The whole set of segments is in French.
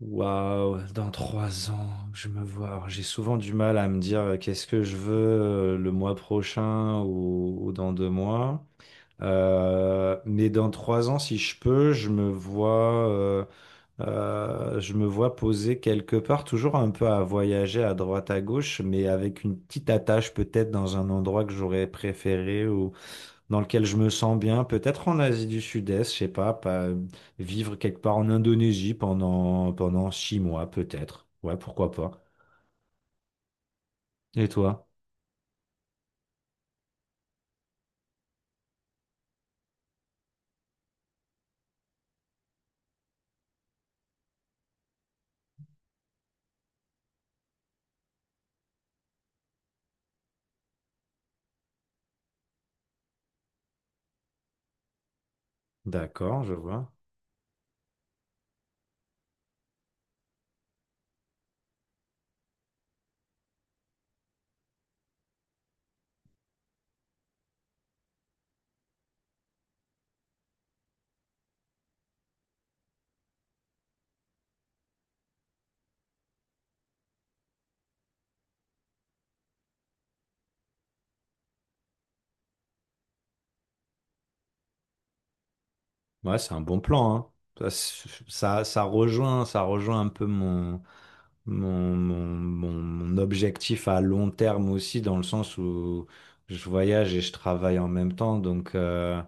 Waouh, dans trois ans, je me vois. Alors, j'ai souvent du mal à me dire qu'est-ce que je veux le mois prochain ou dans deux mois. Mais dans trois ans, si je peux, je me vois posé quelque part, toujours un peu à voyager à droite à gauche, mais avec une petite attache peut-être dans un endroit que j'aurais préféré, dans lequel je me sens bien, peut-être en Asie du Sud-Est, je sais pas, pas vivre quelque part en Indonésie pendant six mois, peut-être. Ouais, pourquoi pas. Et toi? D'accord, je vois. Ouais, c'est un bon plan, hein. Ça, c'est- ça, ça rejoint un peu mon objectif à long terme aussi, dans le sens où je voyage et je travaille en même temps. Donc,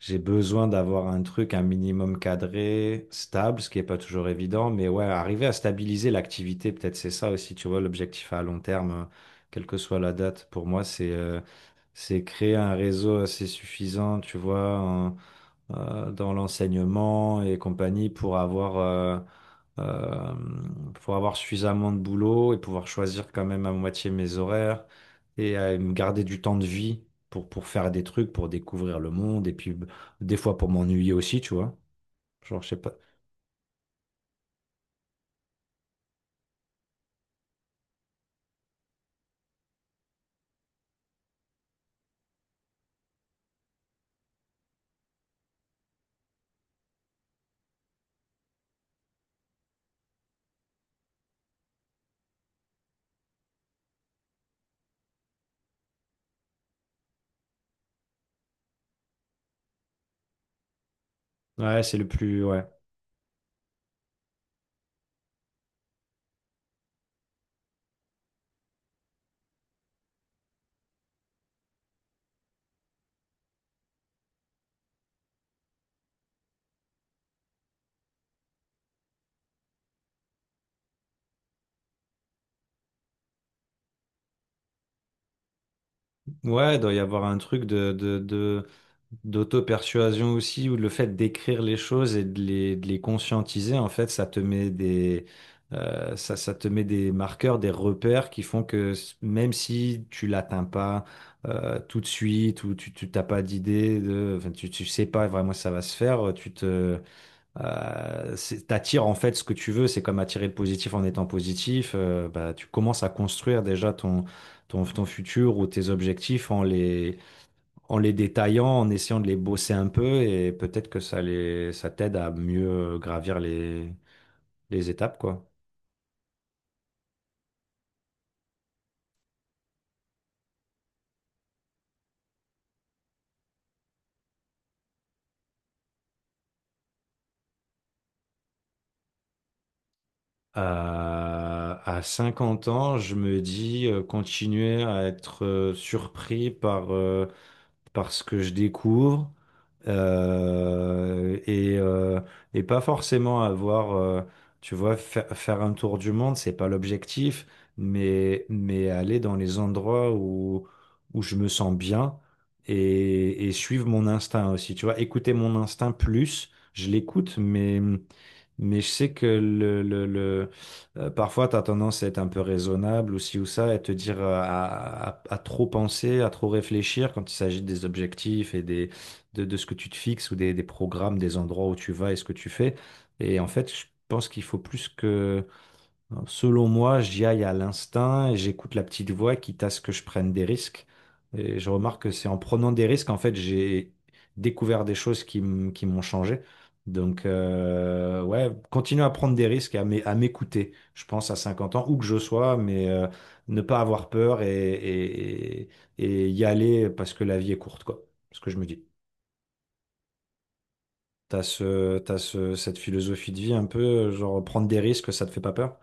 j'ai besoin d'avoir un truc, un minimum cadré, stable, ce qui n'est pas toujours évident. Mais ouais, arriver à stabiliser l'activité, peut-être c'est ça aussi, tu vois, l'objectif à long terme, quelle que soit la date. Pour moi, c'est créer un réseau assez suffisant, tu vois, dans l'enseignement et compagnie pour avoir. Euh, pour avoir suffisamment de boulot et pouvoir choisir quand même à moitié mes horaires et à me garder du temps de vie pour faire des trucs, pour découvrir le monde et puis des fois pour m'ennuyer aussi, tu vois. Genre, je sais pas. Ouais, c'est le plus. Ouais. Ouais, il doit y avoir un truc d'auto-persuasion aussi, ou le fait d'écrire les choses et de les conscientiser, en fait, ça te met des, ça te met des marqueurs, des repères qui font que même si tu l'atteins pas tout de suite, ou tu t'as pas d'idée, de, enfin, tu sais pas vraiment si ça va se faire, t'attires en fait ce que tu veux, c'est comme attirer le positif en étant positif. Bah, tu commences à construire déjà ton futur ou tes objectifs en les détaillant, en essayant de les bosser un peu et peut-être que ça t'aide à mieux gravir les étapes, quoi. À 50 ans, je me dis continuer à être surpris par parce que je découvre euh, et, euh, et pas forcément avoir, tu vois, faire un tour du monde, c'est pas l'objectif, mais aller dans les endroits où, où je me sens bien et suivre mon instinct aussi, tu vois, écouter mon instinct plus, je l'écoute, mais. Mais je sais que parfois, tu as tendance à être un peu raisonnable ou ci ou ça, et te dire à trop penser, à trop réfléchir quand il s'agit des objectifs et de ce que tu te fixes ou des programmes, des endroits où tu vas et ce que tu fais. Et en fait, je pense qu'il faut plus que... Hein, selon moi, j'y aille à l'instinct et j'écoute la petite voix, quitte à ce que je prenne des risques. Et je remarque que c'est en prenant des risques, en fait, j'ai découvert des choses qui m'ont changé. Donc, ouais, continuer à prendre des risques et à à m'écouter, je pense, à 50 ans, où que je sois, mais ne pas avoir peur et y aller parce que la vie est courte, quoi. Ce que je me dis. Cette philosophie de vie un peu, genre prendre des risques, ça te fait pas peur?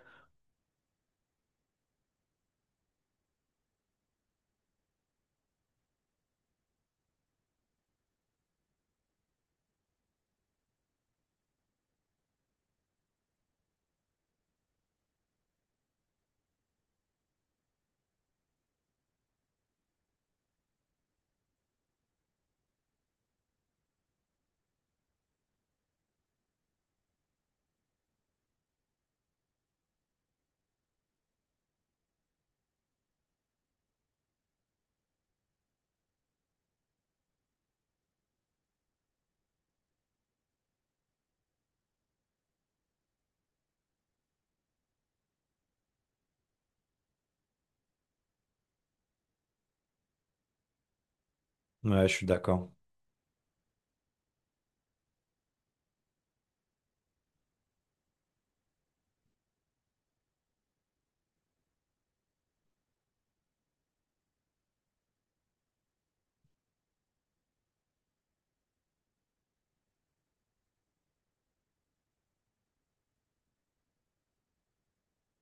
Ouais, je suis d'accord.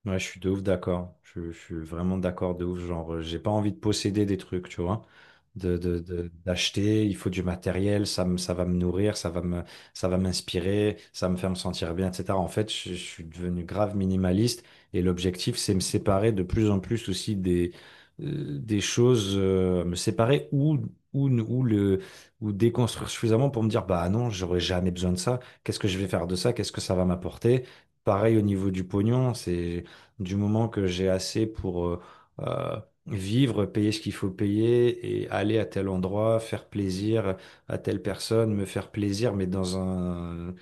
Ouais, je suis de ouf d'accord. Je suis vraiment d'accord de ouf. Genre, j'ai pas envie de posséder des trucs, tu vois. D'acheter, il faut du matériel, ça va me nourrir, ça va m'inspirer, ça va me faire me sentir bien, etc. En fait, je suis devenu grave minimaliste et l'objectif, c'est me séparer de plus en plus aussi des choses, me séparer ou, ou le, ou déconstruire suffisamment pour me dire, bah non, j'aurais jamais besoin de ça. Qu'est-ce que je vais faire de ça? Qu'est-ce que ça va m'apporter? Pareil au niveau du pognon, c'est du moment que j'ai assez pour euh, vivre, payer ce qu'il faut payer et aller à tel endroit, faire plaisir à telle personne, me faire plaisir, mais dans un,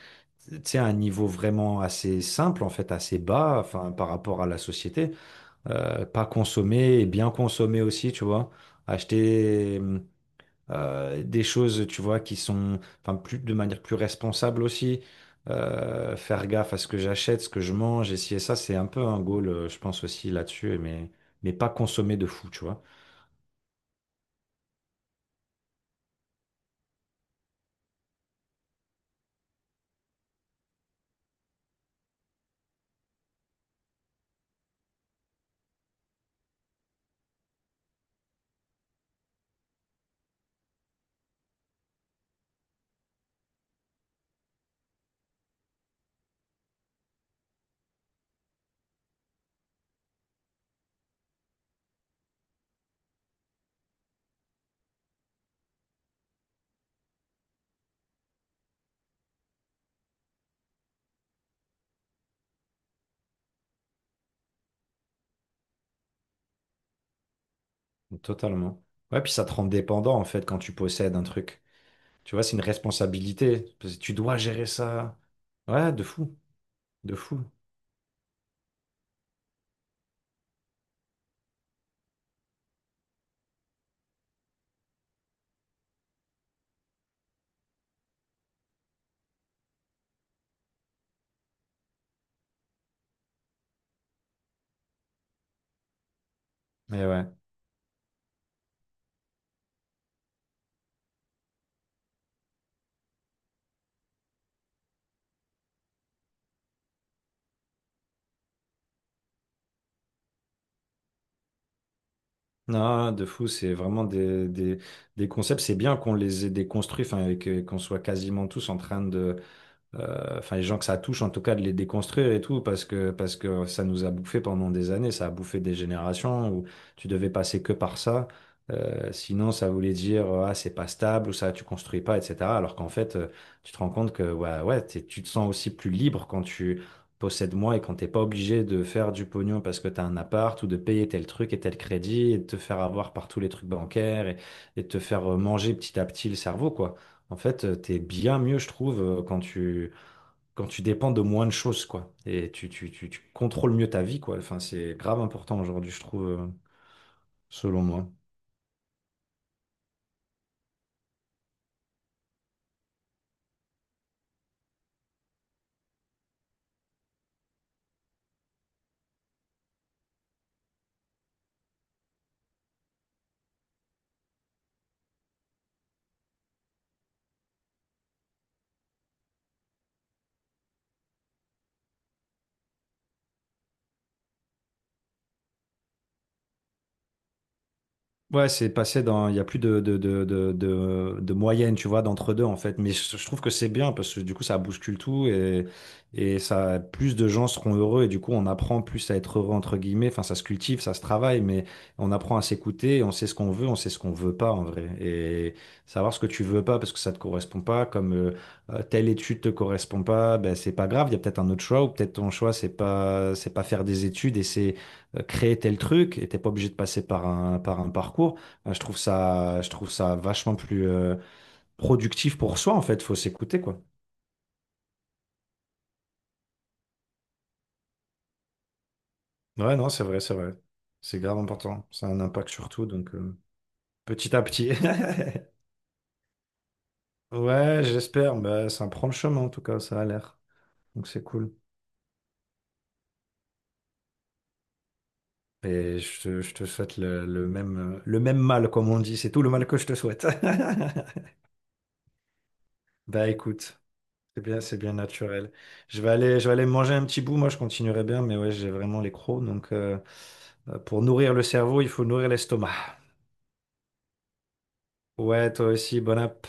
tu sais, un niveau vraiment assez simple, en fait, assez bas, enfin, par rapport à la société. Pas consommer et bien consommer aussi, tu vois. Acheter. Des choses, tu vois, qui sont, enfin, plus, de manière plus responsable aussi. Faire gaffe à ce que j'achète, ce que je mange, essayer ça, c'est un peu un goal, je pense aussi là-dessus, mais pas consommer de fou, tu vois. Totalement. Ouais, puis ça te rend dépendant, en fait, quand tu possèdes un truc. Tu vois, c'est une responsabilité. Parce que tu dois gérer ça. Ouais, de fou, de fou. Mais ouais. Non, de fou, c'est vraiment des concepts. C'est bien qu'on les ait déconstruits, enfin, qu'on soit quasiment tous en train de enfin les gens que ça touche en tout cas de les déconstruire et tout parce que ça nous a bouffé pendant des années, ça a bouffé des générations où tu devais passer que par ça. Sinon, ça voulait dire ah c'est pas stable ou ça tu construis pas etc. Alors qu'en fait tu te rends compte que ouais, tu te sens aussi plus libre quand tu possèdes moins et quand t'es pas obligé de faire du pognon parce que t'as un appart ou de payer tel truc et tel crédit et de te faire avoir par tous les trucs bancaires et de te faire manger petit à petit le cerveau quoi. En fait, t'es bien mieux, je trouve, quand tu dépends de moins de choses, quoi. Et tu contrôles mieux ta vie, quoi. Enfin, c'est grave important aujourd'hui, je trouve, selon moi. Ouais, c'est passé dans. Il n'y a plus de moyenne, tu vois, d'entre deux, en fait. Mais je trouve que c'est bien parce que du coup, ça bouscule tout et ça, plus de gens seront heureux et du coup, on apprend plus à être heureux, entre guillemets. Enfin, ça se cultive, ça se travaille, mais on apprend à s'écouter et on sait ce qu'on veut, on sait ce qu'on veut pas, en vrai. Et savoir ce que tu veux pas parce que ça te correspond pas, comme telle étude te correspond pas, ben, c'est pas grave. Il y a peut-être un autre choix ou peut-être ton choix, c'est pas faire des études et c'est créer tel truc et t'es pas obligé de passer par un parcours. Je trouve ça, je trouve ça vachement plus productif pour soi, en fait. Faut s'écouter, quoi. Ouais, non, c'est vrai, c'est vrai. C'est grave important. Ça a un impact sur tout, donc petit à petit. Ouais, j'espère. Bah, ça prend le chemin, en tout cas, ça a l'air. Donc c'est cool. Et je te souhaite le même mal, comme on dit. C'est tout le mal que je te souhaite. Bah écoute. C'est bien naturel. Je vais aller manger un petit bout. Moi, je continuerai bien, mais ouais, j'ai vraiment les crocs. Donc, pour nourrir le cerveau, il faut nourrir l'estomac. Ouais, toi aussi, bon app.